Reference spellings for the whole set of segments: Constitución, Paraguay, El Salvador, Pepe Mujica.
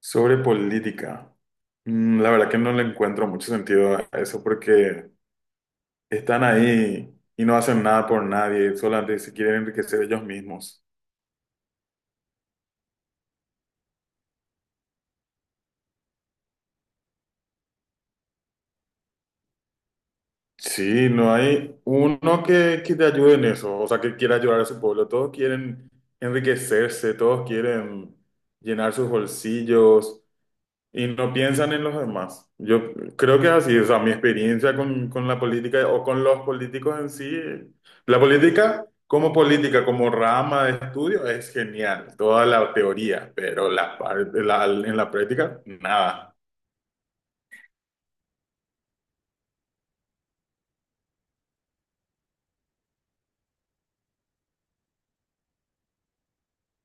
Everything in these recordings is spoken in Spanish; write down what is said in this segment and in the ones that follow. Sobre política. La verdad que no le encuentro mucho sentido a eso porque están ahí y no hacen nada por nadie, solamente se quieren enriquecer ellos mismos. Sí, no hay uno que te ayude en eso, o sea, que quiera ayudar a su pueblo. Todos quieren enriquecerse, todos quieren llenar sus bolsillos, y no piensan en los demás. Yo creo que es así, o sea, mi experiencia con la política o con los políticos en sí, la política, como rama de estudio, es genial, toda la teoría, pero en la práctica, nada.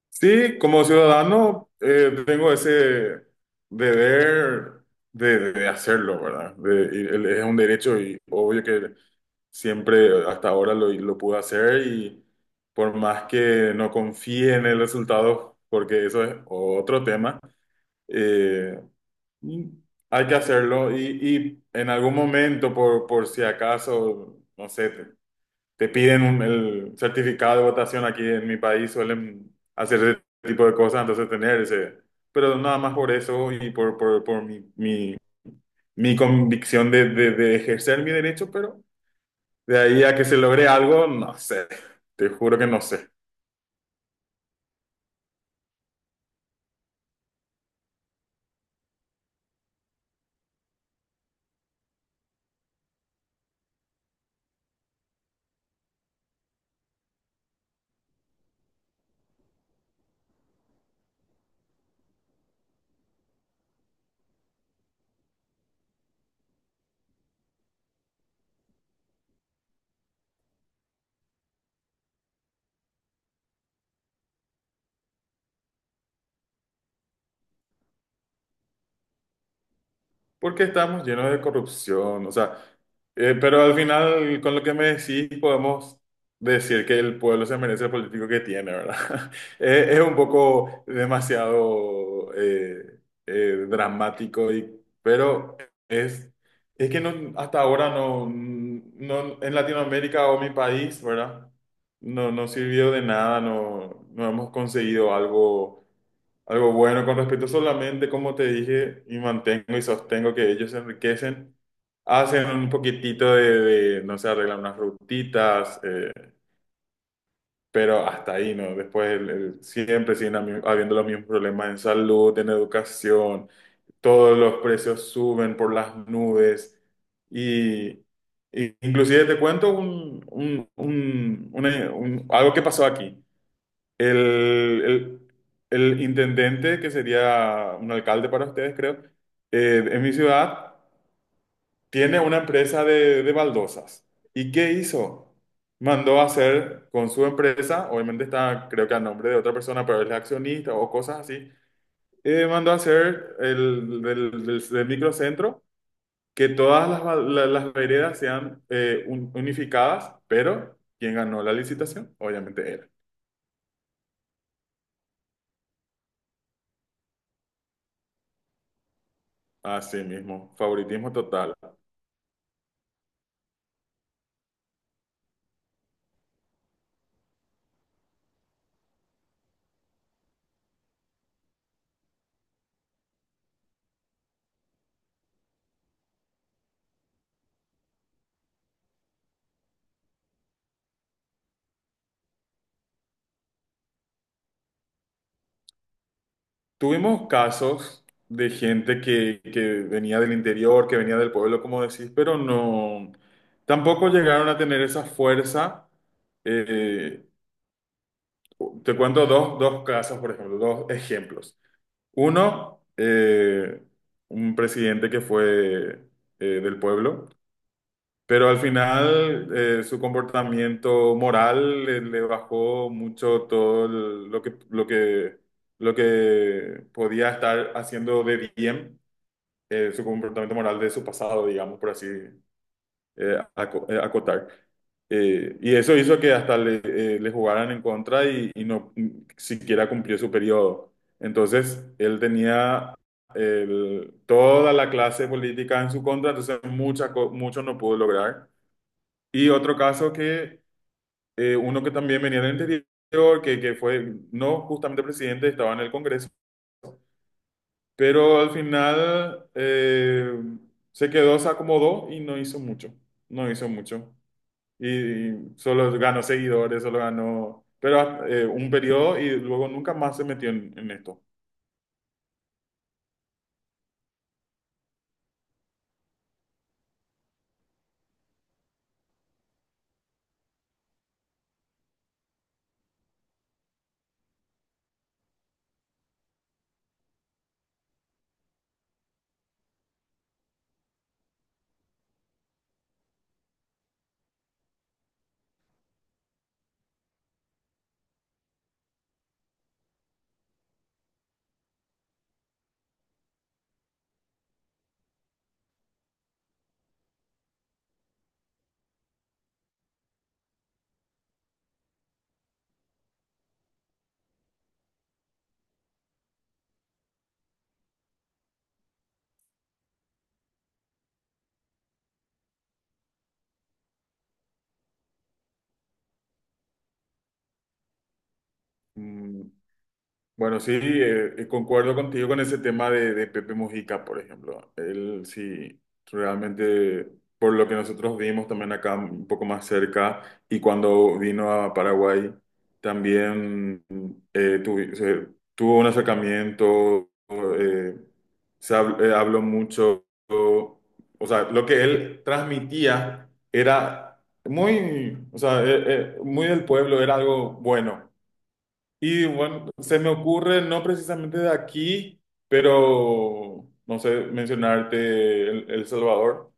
Sí, como ciudadano tengo ese deber de hacerlo, ¿verdad? Es un derecho y obvio que siempre hasta ahora lo pude hacer y por más que no confíe en el resultado, porque eso es otro tema. eh, Hay que hacerlo y en algún momento, por si acaso, no sé, te piden el certificado de votación aquí en mi país, suelen hacer ese tipo de cosas, entonces tener ese, pero nada más por eso y por mi convicción de ejercer mi derecho, pero de ahí a que se logre algo, no sé, te juro que no sé. Porque estamos llenos de corrupción, o sea, pero al final, con lo que me decís, podemos decir que el pueblo se merece el político que tiene, ¿verdad? Es un poco demasiado dramático, y, pero es, es que no, hasta ahora no, no, en Latinoamérica o mi país, ¿verdad? No, no sirvió de nada, no, no hemos conseguido algo bueno con respecto solamente, como te dije, y mantengo y sostengo que ellos se enriquecen, hacen un poquitito de, no sé, arreglan unas rutitas, pero hasta ahí, ¿no? Después siempre siguen habiendo los mismos problemas en salud, en educación, todos los precios suben por las nubes y, y inclusive te cuento algo que pasó aquí. El, el- el intendente, que sería un alcalde para ustedes, creo, en mi ciudad, tiene una empresa de baldosas. ¿Y qué hizo? Mandó a hacer con su empresa, obviamente está, creo que a nombre de otra persona, pero él es accionista o cosas así, mandó a hacer del microcentro, que todas las, las veredas sean unificadas, pero quien ganó la licitación, obviamente él. Así mismo, favoritismo total. Tuvimos casos de gente que venía del interior, que venía del pueblo, como decís, pero no, tampoco llegaron a tener esa fuerza. Eh, Te cuento dos casos, por ejemplo, dos ejemplos. Uno, un presidente que fue del pueblo, pero al final su comportamiento moral le bajó mucho todo lo que podía estar haciendo de bien. Su comportamiento moral de su pasado, digamos, por así acotar. Y eso hizo que hasta le jugaran en contra y no siquiera cumplió su periodo. Entonces, él tenía toda la clase política en su contra, entonces mucho no pudo lograr. Y otro caso que uno que también venía del interior, que fue no justamente presidente, estaba en el Congreso, pero al final se quedó, se acomodó y no hizo mucho, no hizo mucho. Y, y solo ganó seguidores, solo ganó, pero un periodo y luego nunca más se metió en esto. Mm, Bueno, sí, concuerdo contigo con ese tema de Pepe Mujica, por ejemplo. Él sí, realmente, por lo que nosotros vimos también acá un poco más cerca, y cuando vino a Paraguay, también eh, tuvi- se- tuvo un acercamiento. Habló mucho, o sea, lo que él transmitía era muy, o sea, muy del pueblo, era algo bueno. Y bueno, se me ocurre, no precisamente de aquí, pero no sé, mencionarte El Salvador,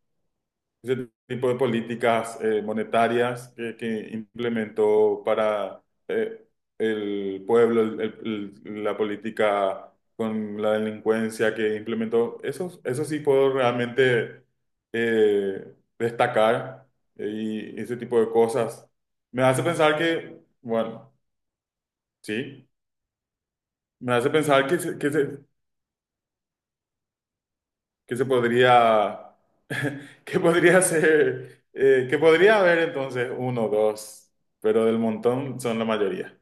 ese tipo de políticas monetarias que implementó para eh, el pueblo, la política con la delincuencia que implementó, eso sí puedo realmente eh, destacar, eh, y ese tipo de cosas. Me hace pensar que, bueno, sí. Me hace pensar que se podría, que podría ser, que podría haber entonces uno o dos, pero del montón son la mayoría.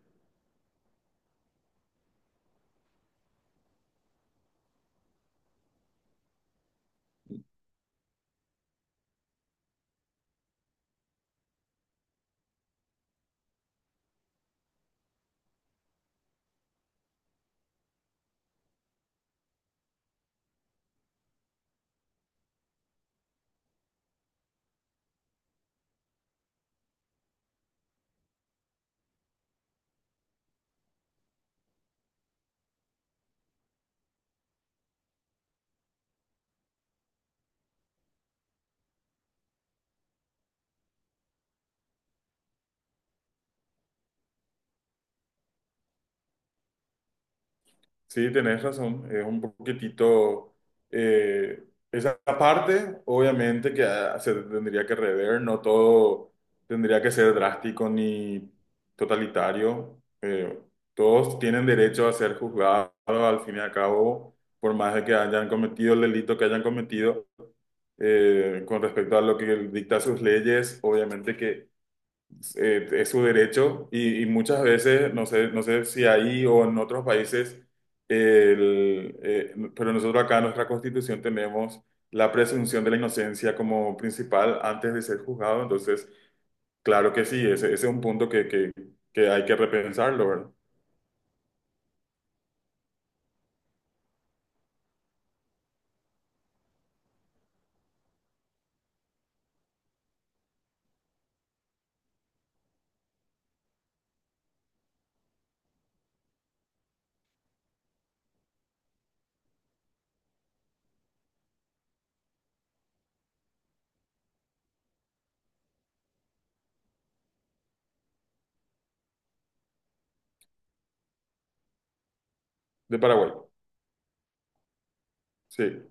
Sí, tenés razón, es un poquitito, eh, esa parte obviamente que se tendría que rever, no todo tendría que ser drástico ni totalitario. Todos tienen derecho a ser juzgados al fin y al cabo, por más de que hayan cometido el delito que hayan cometido. Con respecto a lo que él dicta sus leyes, obviamente que es su derecho y muchas veces, no sé, no sé si ahí o en otros países, pero nosotros acá en nuestra Constitución tenemos la presunción de la inocencia como principal antes de ser juzgado, entonces, claro que sí, ese es un punto que hay que repensarlo, ¿verdad? De Paraguay, sí.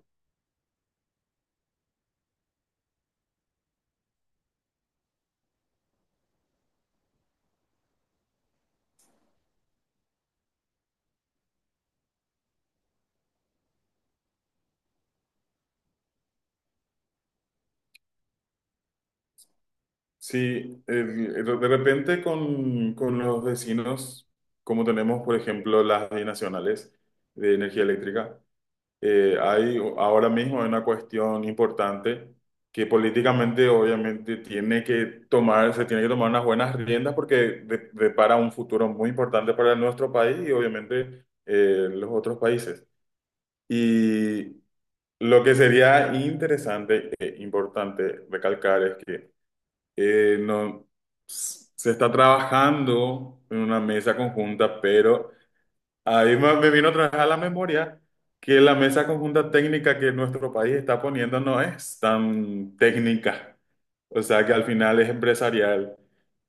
Sí, de repente con los vecinos, como tenemos, por ejemplo, las binacionales de energía eléctrica. Hay ahora mismo una cuestión importante que políticamente obviamente se tiene que tomar unas buenas riendas porque depara un futuro muy importante para nuestro país y obviamente los otros países. Y lo que sería interesante e importante recalcar es que no, se está trabajando en una mesa conjunta, pero ahí me vino otra vez a la memoria que la mesa conjunta técnica que nuestro país está poniendo no es tan técnica, o sea que al final es empresarial.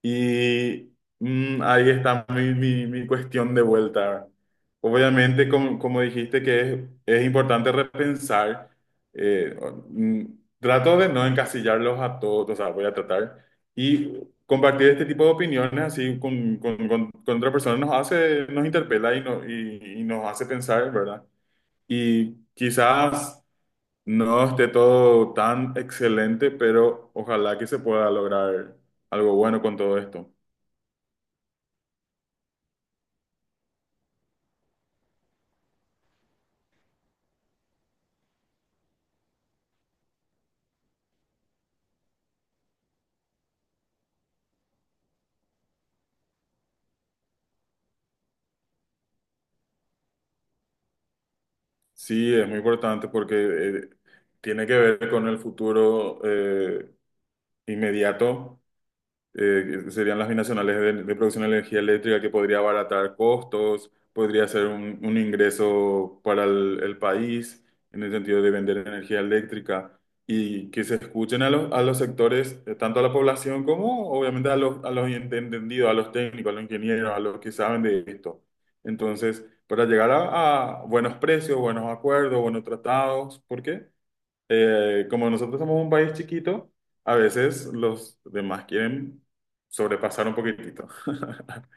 Y ahí está mi cuestión de vuelta. Obviamente, como, como dijiste, que es importante repensar. eh, mm, Trato de no encasillarlos a todos, o sea, voy a tratar. Y compartir este tipo de opiniones así con otra persona nos hace, nos interpela y nos hace pensar, ¿verdad? Y quizás no esté todo tan excelente, pero ojalá que se pueda lograr algo bueno con todo esto. Sí, es muy importante porque tiene que ver con el futuro inmediato, que serían las binacionales de producción de energía eléctrica que podría abaratar costos, podría ser un ingreso para el país en el sentido de vender energía eléctrica y que se escuchen a a los sectores, tanto a la población como obviamente a a los entendidos, a los técnicos, a los ingenieros, a los que saben de esto. Entonces, para llegar a buenos precios, buenos acuerdos, buenos tratados, ¿por qué? Como nosotros somos un país chiquito, a veces los demás quieren sobrepasar un poquitito.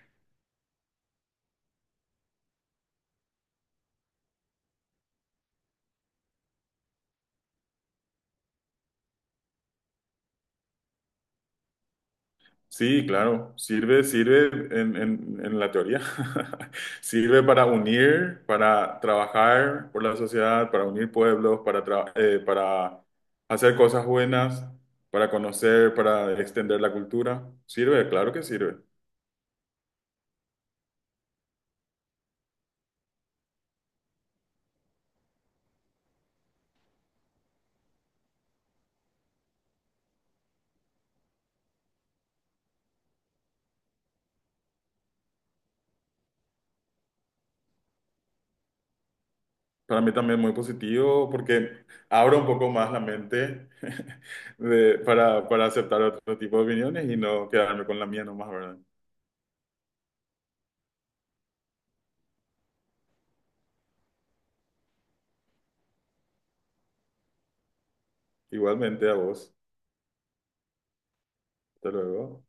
Sí, claro, sirve, sirve en, en la teoría. Sirve para unir, para trabajar por la sociedad, para unir pueblos, para, para hacer cosas buenas, para conocer, para extender la cultura. Sirve, claro que sirve. Para mí también muy positivo porque abre un poco más la mente para aceptar otro tipo de opiniones y no quedarme con la mía nomás, ¿verdad? Igualmente a vos. Hasta luego.